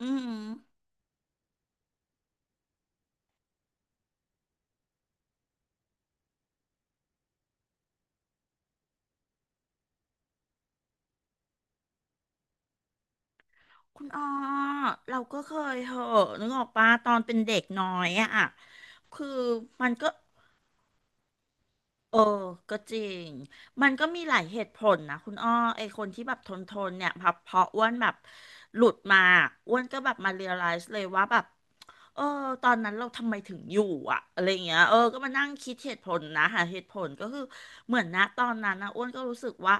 อืมคุณอ้อเราก็เคยเหอะนึกออกปะตอนเป็นเด็กน้อยอะคือมันก็เออก็จริงมันก็มีหลายเหตุผลนะคุณอ้อไอคนที่แบบทนทนเนี่ยพออ้วนแบบหลุดมาอ้วนก็แบบมาเรียลไลซ์เลยว่าแบบ เออตอนนั้นเราทำไมถึงอยู่อะอะไรเงี้ยเออก็มานั่งคิดเหตุผลนะหาเหตุผลก็คือเหมือนนะตอนนั้นนะอ้วนก็รู้สึกว่า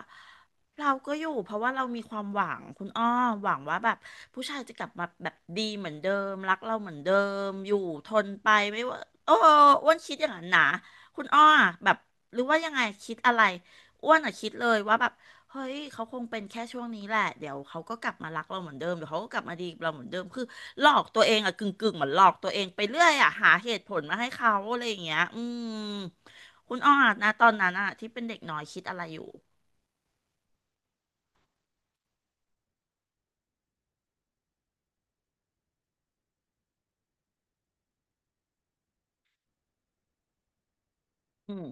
เราก็อยู่เพราะว่าเรามีความหวังคุณอ้อหวังว่าแบบผู้ชายจะกลับมาแบบดีเหมือนเดิมรักเราเหมือนเดิมอยู่ทนไปไม่ว่าเอออ้วนคิดอย่างนั้นนะคุณอ้อแบบหรือว่ายังไงคิดอะไรอ้วนอะคิดเลยว่าแบบ เฮ้ย เขาคงเป็นแค่ช่วงนี้แหละเดี๋ยวเขาก็กลับมารักเราเหมือนเดิม เดี๋ยวเขาก็กลับมาดีกับเราเหมือนเดิมคือหลอกตัวเองอะกึ่งกึ่งเหมือนหลอกตัวเองไปเรื่อยอะหาเหตุผลมาให้เขาอะไรอย่างเงี้ยอืมคุณอ้อนะตอนนั้นอะที่เป็นเด็กน้อยคิดอะไรอยู่อืม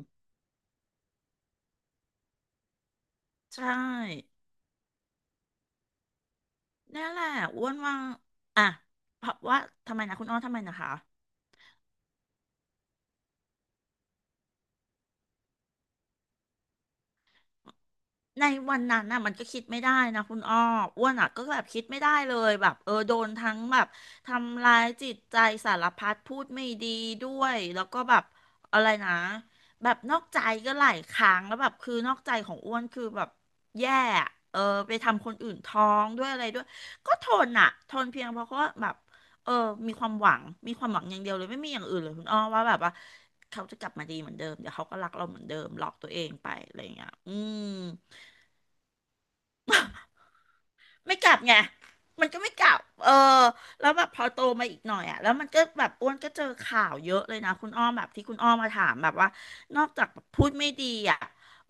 ใช่นั่นแหละอ้วนว่าอ่ะเพราะว่าทำไมนะคุณอ้อทำไมนะคะ ในวันนั้นน่ะมันก็คิดไม่ได้นะคุณอ้ออ้วนอ่ะก็แบบคิดไม่ได้เลยแบบเออโดนทั้งแบบทำร้ายจิตใจสารพัดพูดไม่ดีด้วยแล้วก็แบบอะไรนะแบบนอกใจก็หลายครั้งแล้วแบบคือนอกใจของอ้วนคือแบบแย่อะเออไปทำคนอื่นท้องด้วยอะไรด้วยก็ทนอ่ะทนเพียงเพราะว่าแบบเออมีความหวังมีความหวังอย่างเดียวเลยไม่มีอย่างอื่นเลยคุณอ้อว่าแบบว่าเขาจะกลับมาดีเหมือนเดิมเดี๋ยวเขาก็รักเราเหมือนเดิมหลอกตัวเองไปอะไรอย่างเงี้ยอืม ไม่กลับไงมันก็ไม่กลับเออแล้วแบบพอโตมาอีกหน่อยอ่ะแล้วมันก็แบบอ้วนก็เจอข่าวเยอะเลยนะคุณอ้อมแบบที่คุณอ้อมมาถามแบบว่านอกจากแบบพูดไม่ดีอ่ะ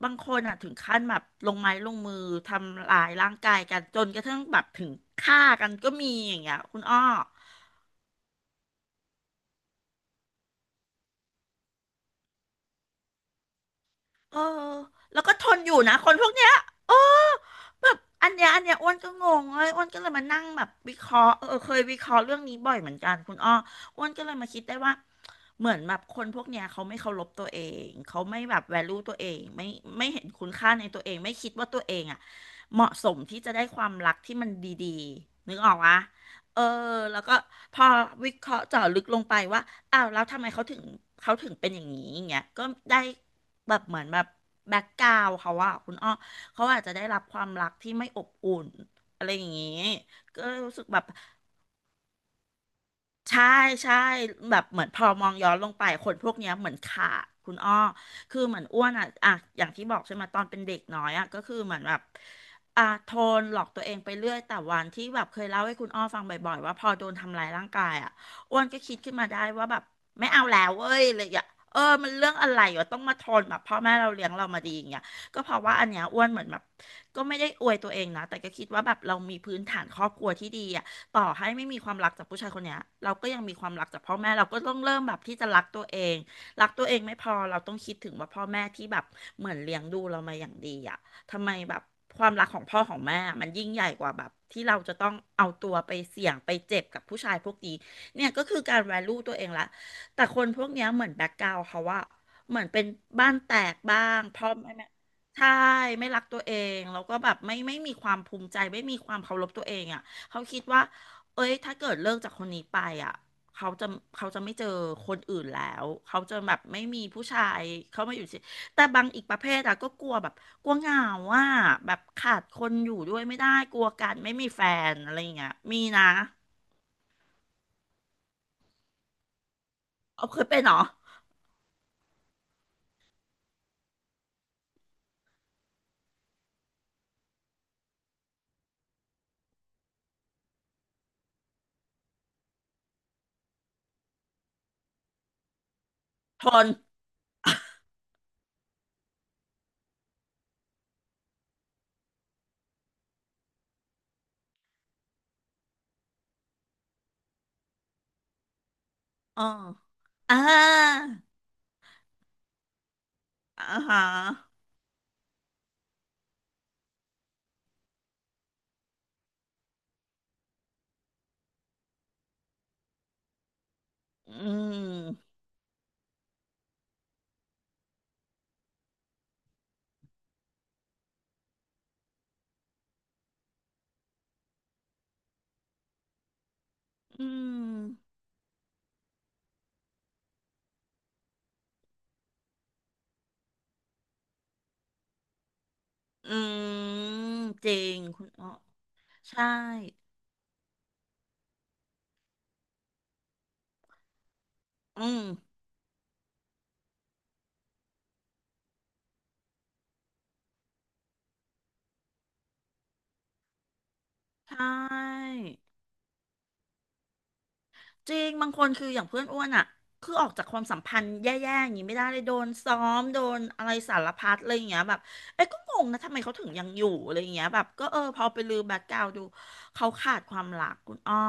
บางคนอ่ะถึงขั้นแบบลงไม้ลงมือทำลายร่างกายกันจนกระทั่งแบบถึงฆ่ากันก็มีอย่างเงี้ยคุณอ้อ เออแล้วก็ทนอยู่นะคนพวกเนี้ยเออ แบบอันเนี้ยอ้วนก็งงเลยอ้วนก็เลยมานั่งแบบวิเคราะห์เออเคยวิเคราะห์เรื่องนี้บ่อยเหมือนกันคุณอ้ออ้วนก็เลยมาคิดได้ว่าเหมือนแบบคนพวกเนี้ยเขาไม่เคารพตัวเอง เขาไม่แบบแวลูตัวเองไม่เห็นคุณค่าในตัวเองไม่คิดว่าตัวเองอ่ะเหมาะสมที่จะได้ความรักที่มันดีๆนึกออกวะเออแล้วก็พอวิเคราะห์เจาะลึกลงไปว่า อ้าวแล้วทำไมเขาถึงเป็นอย่างนี้อย่างเงี้ยก็ได้แบบเหมือนแบบแบ็กกราวเขาอะคุณอ้อเขาอาจจะได้รับความรักที่ไม่อบอุ่นอะไรอย่างงี้ก็รู้สึกแบบ ใช่ใช่แบบเหมือนพอมองย้อนลงไปคนพวกเนี้ยเหมือนขาดคุณอ้อคือเหมือนอ้วนอ่ะอย่างที่บอกใช่ไหมตอนเป็นเด็กน้อยอ่ะก็คือเหมือนแบบอ่ะทนหลอกตัวเองไปเรื่อยแต่วันที่แบบเคยเล่าให้คุณอ้อฟังบ่อยๆว่าพอโดนทำร้ายร่างกายอ่ะอ้วนก็คิดขึ้นมาได้ว่าแบบไม่เอาแล้วเว้ยเลยอ่ะเออมันเรื่องอะไรวะต้องมาทนแบบพ่อแม่เราเลี้ยงเรามาดีอย่างเงี้ยก็เพราะว่าอันเนี้ยอ้วนเหมือนแบบก็ไม่ได้อวยตัวเองนะแต่ก็คิดว่าแบบเรามีพื้นฐานครอบครัวที่ดีอ่ะ ต่อให้ไม่มีความรักจากผู้ชายคนเนี้ยเราก็ยังมีความรักจากพ่อแม่เราก็ต้องเริ่มแบบที่จะรักตัวเองรักตัวเองไม่พอเราต้องคิดถึงว่าพ่อแม่ที่แบบเหมือนเลี้ยงดูเรามาอย่างดีอ่ะทำไมแบบความรักของพ่อของแม่อะมันยิ่งใหญ่กว่าแบบที่เราจะต้องเอาตัวไปเสี่ยงไปเจ็บกับผู้ชายพวกนี้เนี่ยก็คือการ value ตัวเองละแต่คนพวกเนี้ยเหมือนแบ็คกราวเขาว่าเหมือนเป็นบ้านแตกบ้างเพราะไม่ใช่ไม่รักตัวเองแล้วก็แบบไม่มีความภูมิใจไม่มีความเคารพตัวเองอ่ะเขาคิดว่า เอ้ยถ้าเกิดเลิกจากคนนี้ไปอ่ะเขาจะเขาจะไม่เจอคนอื่นแล้วเขาจะแบบไม่มีผู้ชายเข้ามาอยู่สิแต่บางอีกประเภทอ่ะก็กลัวแบบกลัวเหงาว่าแบบขาดคนอยู่ด้วยไม่ได้กลัวการไม่มีแฟนอะไรอย่างเงี้ยมีนะเอาเคยเป็นเหรอทนเอออ่าอ่าฮะอืมอืมอืมจริงคุณอ๋อใช่อืมใช่ จริงบางคนคืออย่างเพื่อนอ้วนอ่ะคือออกจากความสัมพันธ์แย่ๆอย่างนี้ไม่ได้เลยโดนซ้อมโดนอะไรสารพัดอะไรอย่างเงี้ยแบบเอ้ยก็งงนะทำไมเขาถึงยังอยู่อะไรอย่างเงี้ยแบบก็เออพอไปลือแบ็คกราวดูเขาขาดความรักคุณอ้อ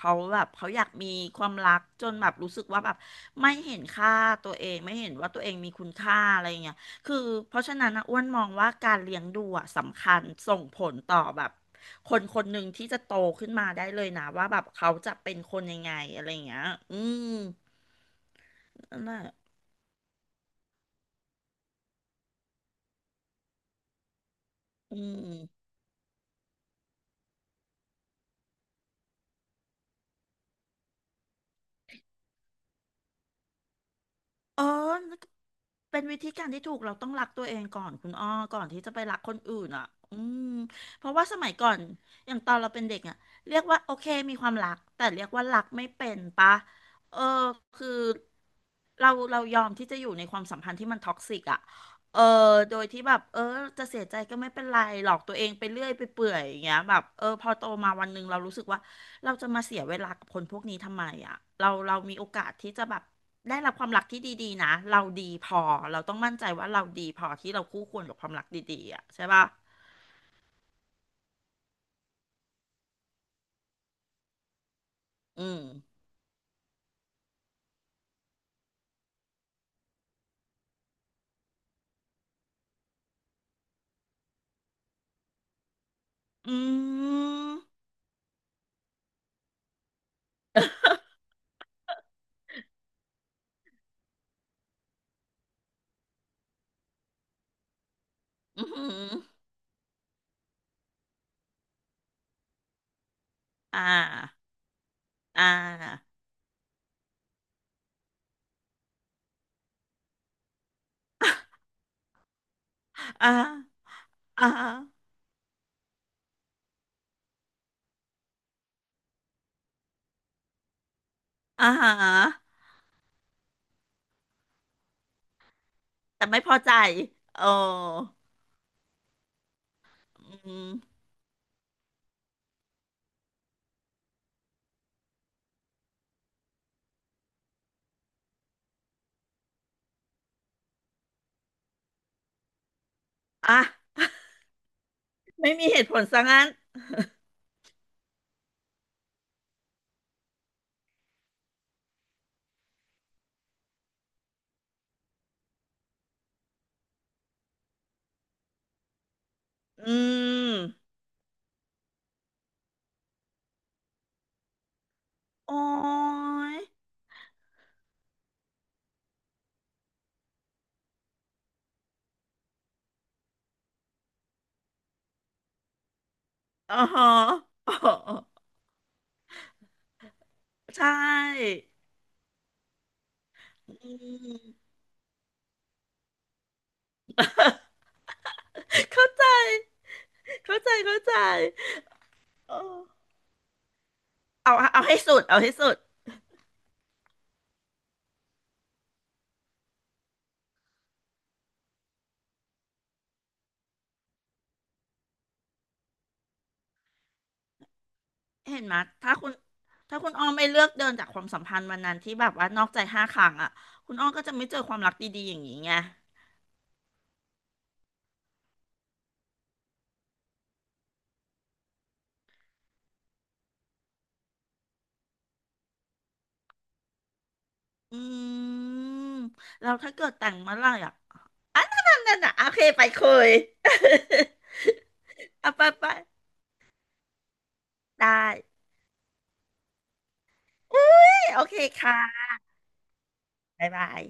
เขาแบบเขาอยากมีความรักจนแบบรู้สึกว่าแบบไม่เห็นค่าตัวเองไม่เห็นว่าตัวเองมีคุณค่าอะไรอย่างเงี้ย คือเพราะฉะนั้นนะอ้วนมองว่าการเลี้ยงดูอ่ะสำคัญส่งผลต่อแบบคนคนหนึ่งที่จะโตขึ้นมาได้เลยนะว่าแบบเขาจะเป็นคนยังไงอะไรอย่างเงี้ยอืมนั่นแหละอืม เออเป็นวิธีการที่ถูกเราต้องรักตัวเองก่อนคุณอ้อก่อนที่จะไปรักคนอื่นอ่ะอืมเพราะว่าสมัยก่อนอย่างตอนเราเป็นเด็กอ่ะเรียกว่าโอเคมีความรักแต่เรียกว่ารักไม่เป็นปะเออคือเราเรายอมที่จะอยู่ในความสัมพันธ์ที่มันท็อกซิกอ่ะเออโดยที่แบบเออจะเสียใจก็ไม่เป็นไรหลอกตัวเองไปเรื่อยไปเปื่อยอย่างเงี้ยแบบเออพอโตมาวันหนึ่งเรารู้สึกว่าเราจะมาเสียเวลากับคนพวกนี้ทำไมอ่ะเราเรามีโอกาสที่จะแบบ ได้รับความรักที่ดีๆนะเราดีพอเราต้องมั่นใจว่าเราดีพอที่เราคู่ควรกับความรักดีๆอ่ะใช่ป่ะอืมอืมอืมอ่าอ่าอ่าอ่าอ่าฮะแต่ไม่พอใจเอออืมอ่ะไม่มีเหตุผลซะงั้นอืมโอ้ยอ๋อฮะอ๋อใช่อืมเข้าใจเข้าใจเข้าใจเออ เอาเอาให้สุดเอาให้สุดเห็นไหมยถ้าคุณถ้าคุณอ้อไม่เลือกเดินจากความสัมพันธ์วันนั้นที่แบบว่านอกใจ5 ครั้งอ่ะคุณอ้อก็จะไม่เจอความรักดีๆอย่างนี้ไงอืมแล้วถ้าเกิดแต่งเมื่อไหร่อ่ะนั่นน่ะโอเคไปคุย เอาไปไปได้อุ้ยโอเคค่ะบ๊ายบาย